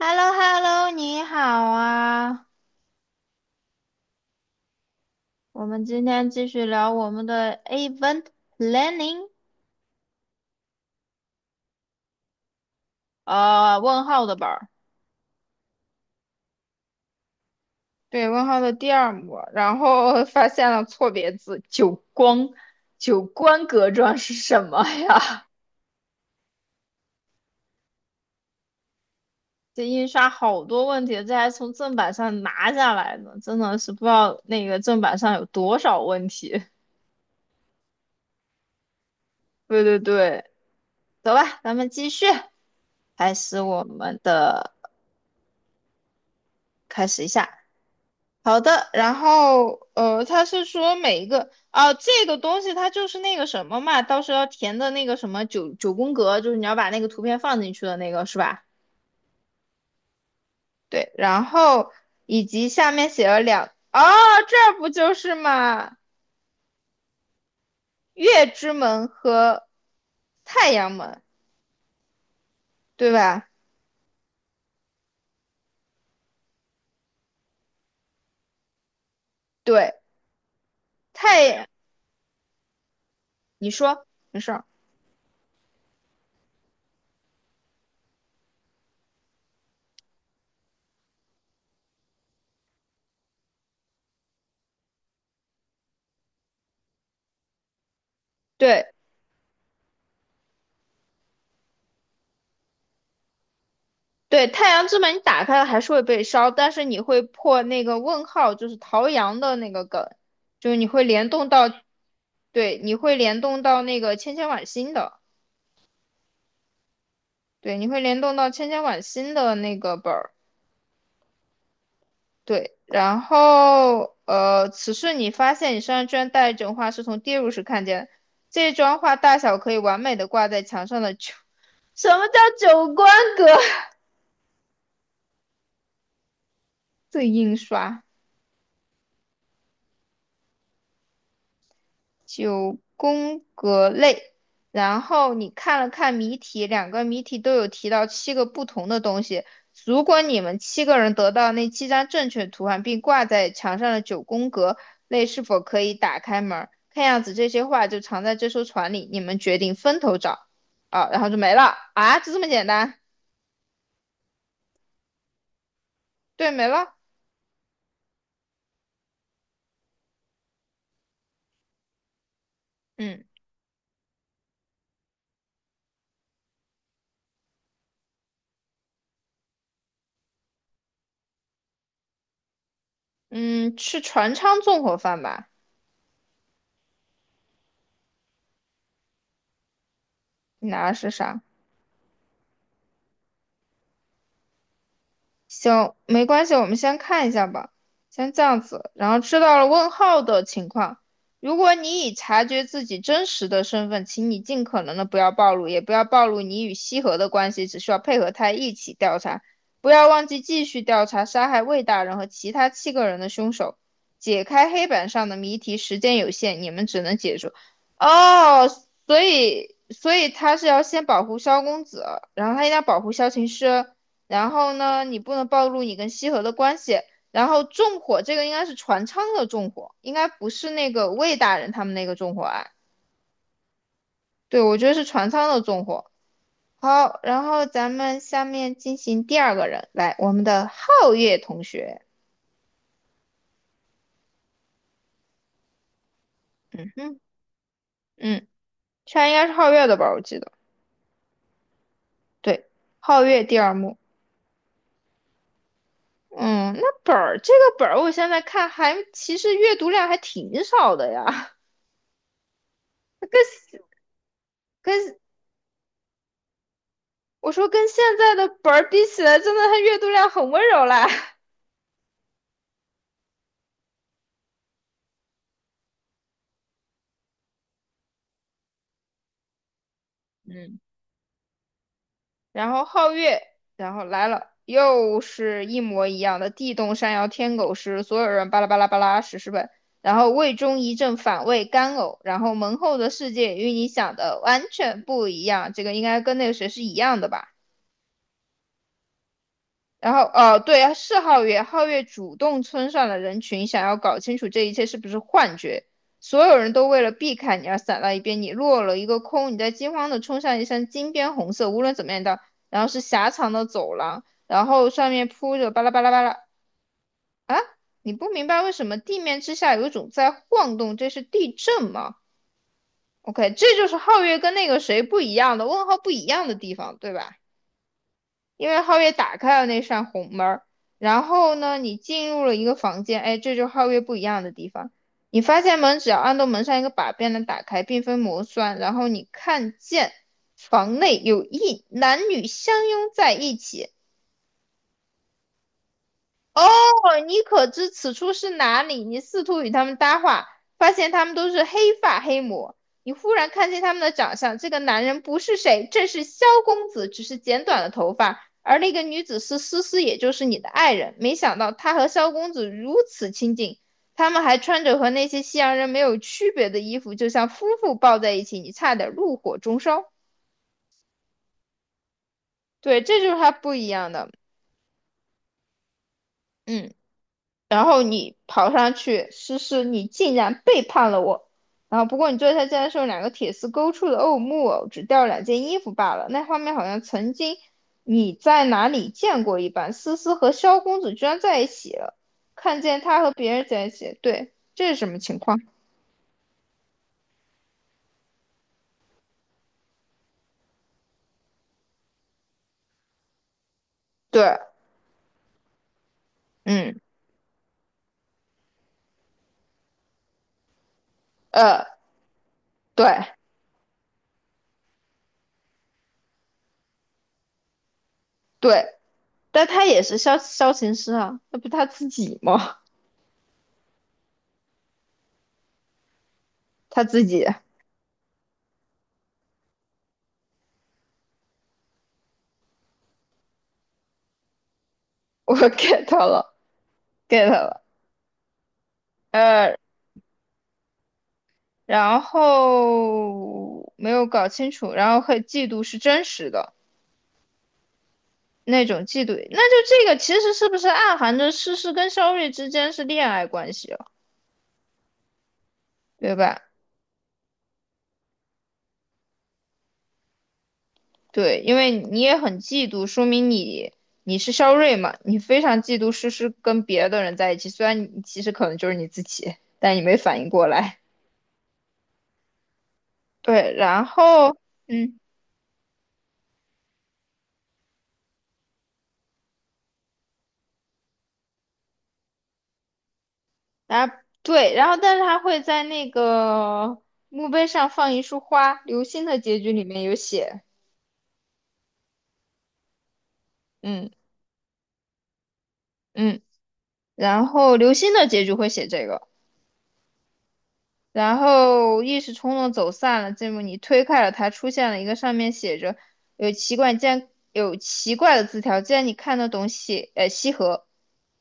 hello hello 你好啊！我们今天继续聊我们的 event planning，问号的本儿。对，问号的第二幕，然后发现了错别字，九光，九官格状是什么呀？这印刷好多问题，这还从正版上拿下来呢，真的是不知道那个正版上有多少问题。对对对，走吧，咱们继续，开始我们的，开始一下。好的，然后他是说每一个啊、这个东西它就是那个什么嘛，到时候要填的那个什么九九宫格，就是你要把那个图片放进去的那个是吧？对，然后以及下面写了两，哦，这儿不就是嘛，月之门和太阳门，对吧？对，太你说没事儿，对，对，太阳之门你打开了还是会被烧，但是你会破那个问号，就是陶阳的那个梗，就是你会联动到，对，你会联动到那个千千晚星的，对，你会联动到千千晚星的那个本儿，对，然后此时你发现你身上居然带一种画，是从跌入时看见的这张画大小可以完美的挂在墙上的九，什么叫九宫格？这印刷。九宫格类，然后你看了看谜题，两个谜题都有提到七个不同的东西。如果你们七个人得到那七张正确图案，并挂在墙上的九宫格类，是否可以打开门儿？看样子这些画就藏在这艘船里，你们决定分头找啊，然后就没了啊，就这么简单？对，没了。嗯嗯，吃船舱纵火犯吧，你拿的是啥？行，没关系，我们先看一下吧，先这样子，然后知道了问号的情况。如果你已察觉自己真实的身份，请你尽可能的不要暴露，也不要暴露你与西河的关系，只需要配合他一起调查。不要忘记继续调查杀害魏大人和其他七个人的凶手，解开黑板上的谜题。时间有限，你们只能解除。哦，所以他是要先保护萧公子，然后他应该保护萧琴师。然后呢，你不能暴露你跟西河的关系。然后纵火这个应该是船舱的纵火，应该不是那个魏大人他们那个纵火案。对，我觉得是船舱的纵火。好，然后咱们下面进行第二个人，来，我们的皓月同学。嗯嗯，这应该是皓月的吧？我记得，对，皓月第二幕。嗯，那本儿这个本儿，我现在看还其实阅读量还挺少的呀，跟跟我说跟现在的本儿比起来，真的他阅读量很温柔啦。嗯，然后皓月，然后来了，又是一模一样的地动山摇天狗食，所有人巴拉巴拉巴拉史诗本，然后胃中一阵反胃干呕，然后门后的世界与你想的完全不一样，这个应该跟那个谁是一样的吧？然后，哦，对，是皓月，皓月主动村上了人群，想要搞清楚这一切是不是幻觉。所有人都为了避开你而散到一边，你落了一个空。你在惊慌的冲向一扇金边红色，无论怎么样的，然后是狭长的走廊，然后上面铺着巴拉巴拉巴拉。你不明白为什么地面之下有一种在晃动，这是地震吗？OK，这就是皓月跟那个谁不一样的问号不一样的地方，对吧？因为皓月打开了那扇红门然后呢，你进入了一个房间，哎，这就是皓月不一样的地方。你发现门只要按动门上一个把便能打开，并非魔栓。然后你看见房内有一男女相拥在一起，哦，你可知此处是哪里？你试图与他们搭话，发现他们都是黑发黑魔。你忽然看见他们的长相，这个男人不是谁，正是萧公子，只是剪短了头发。而那个女子是思思，也就是你的爱人。没想到她和萧公子如此亲近，他们还穿着和那些西洋人没有区别的衣服，就像夫妇抱在一起，你差点怒火中烧。对，这就是他不一样的。嗯。然后你跑上去，诗诗，你竟然背叛了我。然后不过你坐下，竟然是用两个铁丝勾出的偶木偶，只掉了两件衣服罢了。那画面好像曾经你在哪里见过一般。思思和萧公子居然在一起了，看见他和别人在一起，对，这是什么情况？对，嗯，呃，对对，但他也是萧琴师啊，那不他自己吗？他自己，我 get 了，get 了。呃，然后没有搞清楚，然后和嫉妒是真实的那种嫉妒，那就这个其实是不是暗含着诗诗跟肖睿之间是恋爱关系了，对吧？对，因为你也很嫉妒，说明你是肖睿嘛，你非常嫉妒诗诗跟别的人在一起，虽然你其实可能就是你自己，但你没反应过来。对，然后嗯。然后对，然后但是他会在那个墓碑上放一束花，《流星的结局》里面有写，嗯嗯，然后《流星的结局》会写这个。然后一时冲动走散了。这幕你推开了他，出现了一个上面写着有奇怪，竟然有奇怪的字条。既然你看得懂写，西河，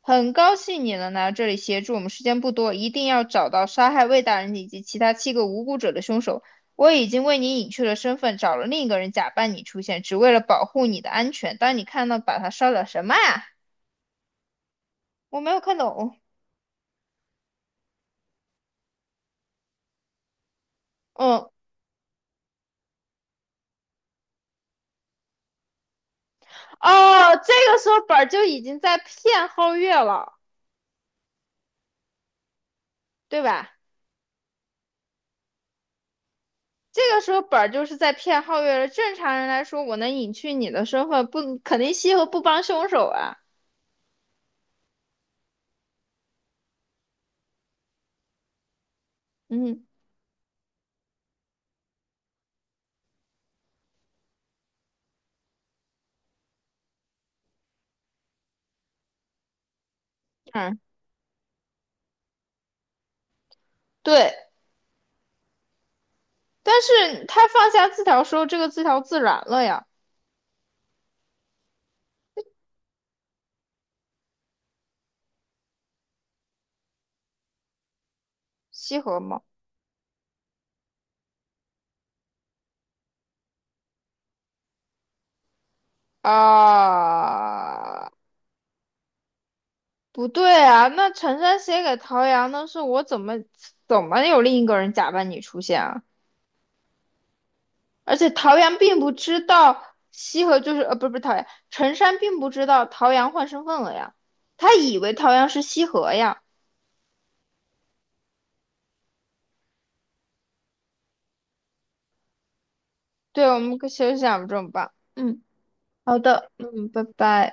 很高兴你能来到这里协助我们，时间不多，一定要找到杀害魏大人以及其他七个无辜者的凶手。我已经为你隐去了身份，找了另一个人假扮你出现，只为了保护你的安全。当你看到把他烧掉，什么呀？我没有看懂。嗯，哦，这个时候本儿就已经在骗皓月了，对吧？这个时候本儿就是在骗皓月了。正常人来说，我能隐去你的身份，不肯定西河不帮凶手啊。嗯嗯，对。但是他放下字条时候，这个字条自燃了呀。西河吗？啊，不对啊。那陈山写给陶阳的是我怎么有另一个人假扮你出现啊？而且陶阳并不知道西河就是不是不是陶阳，陈山并不知道陶阳换身份了呀。他以为陶阳是西河呀。对，我们可以休息2分钟吧。嗯，好的，嗯，拜拜。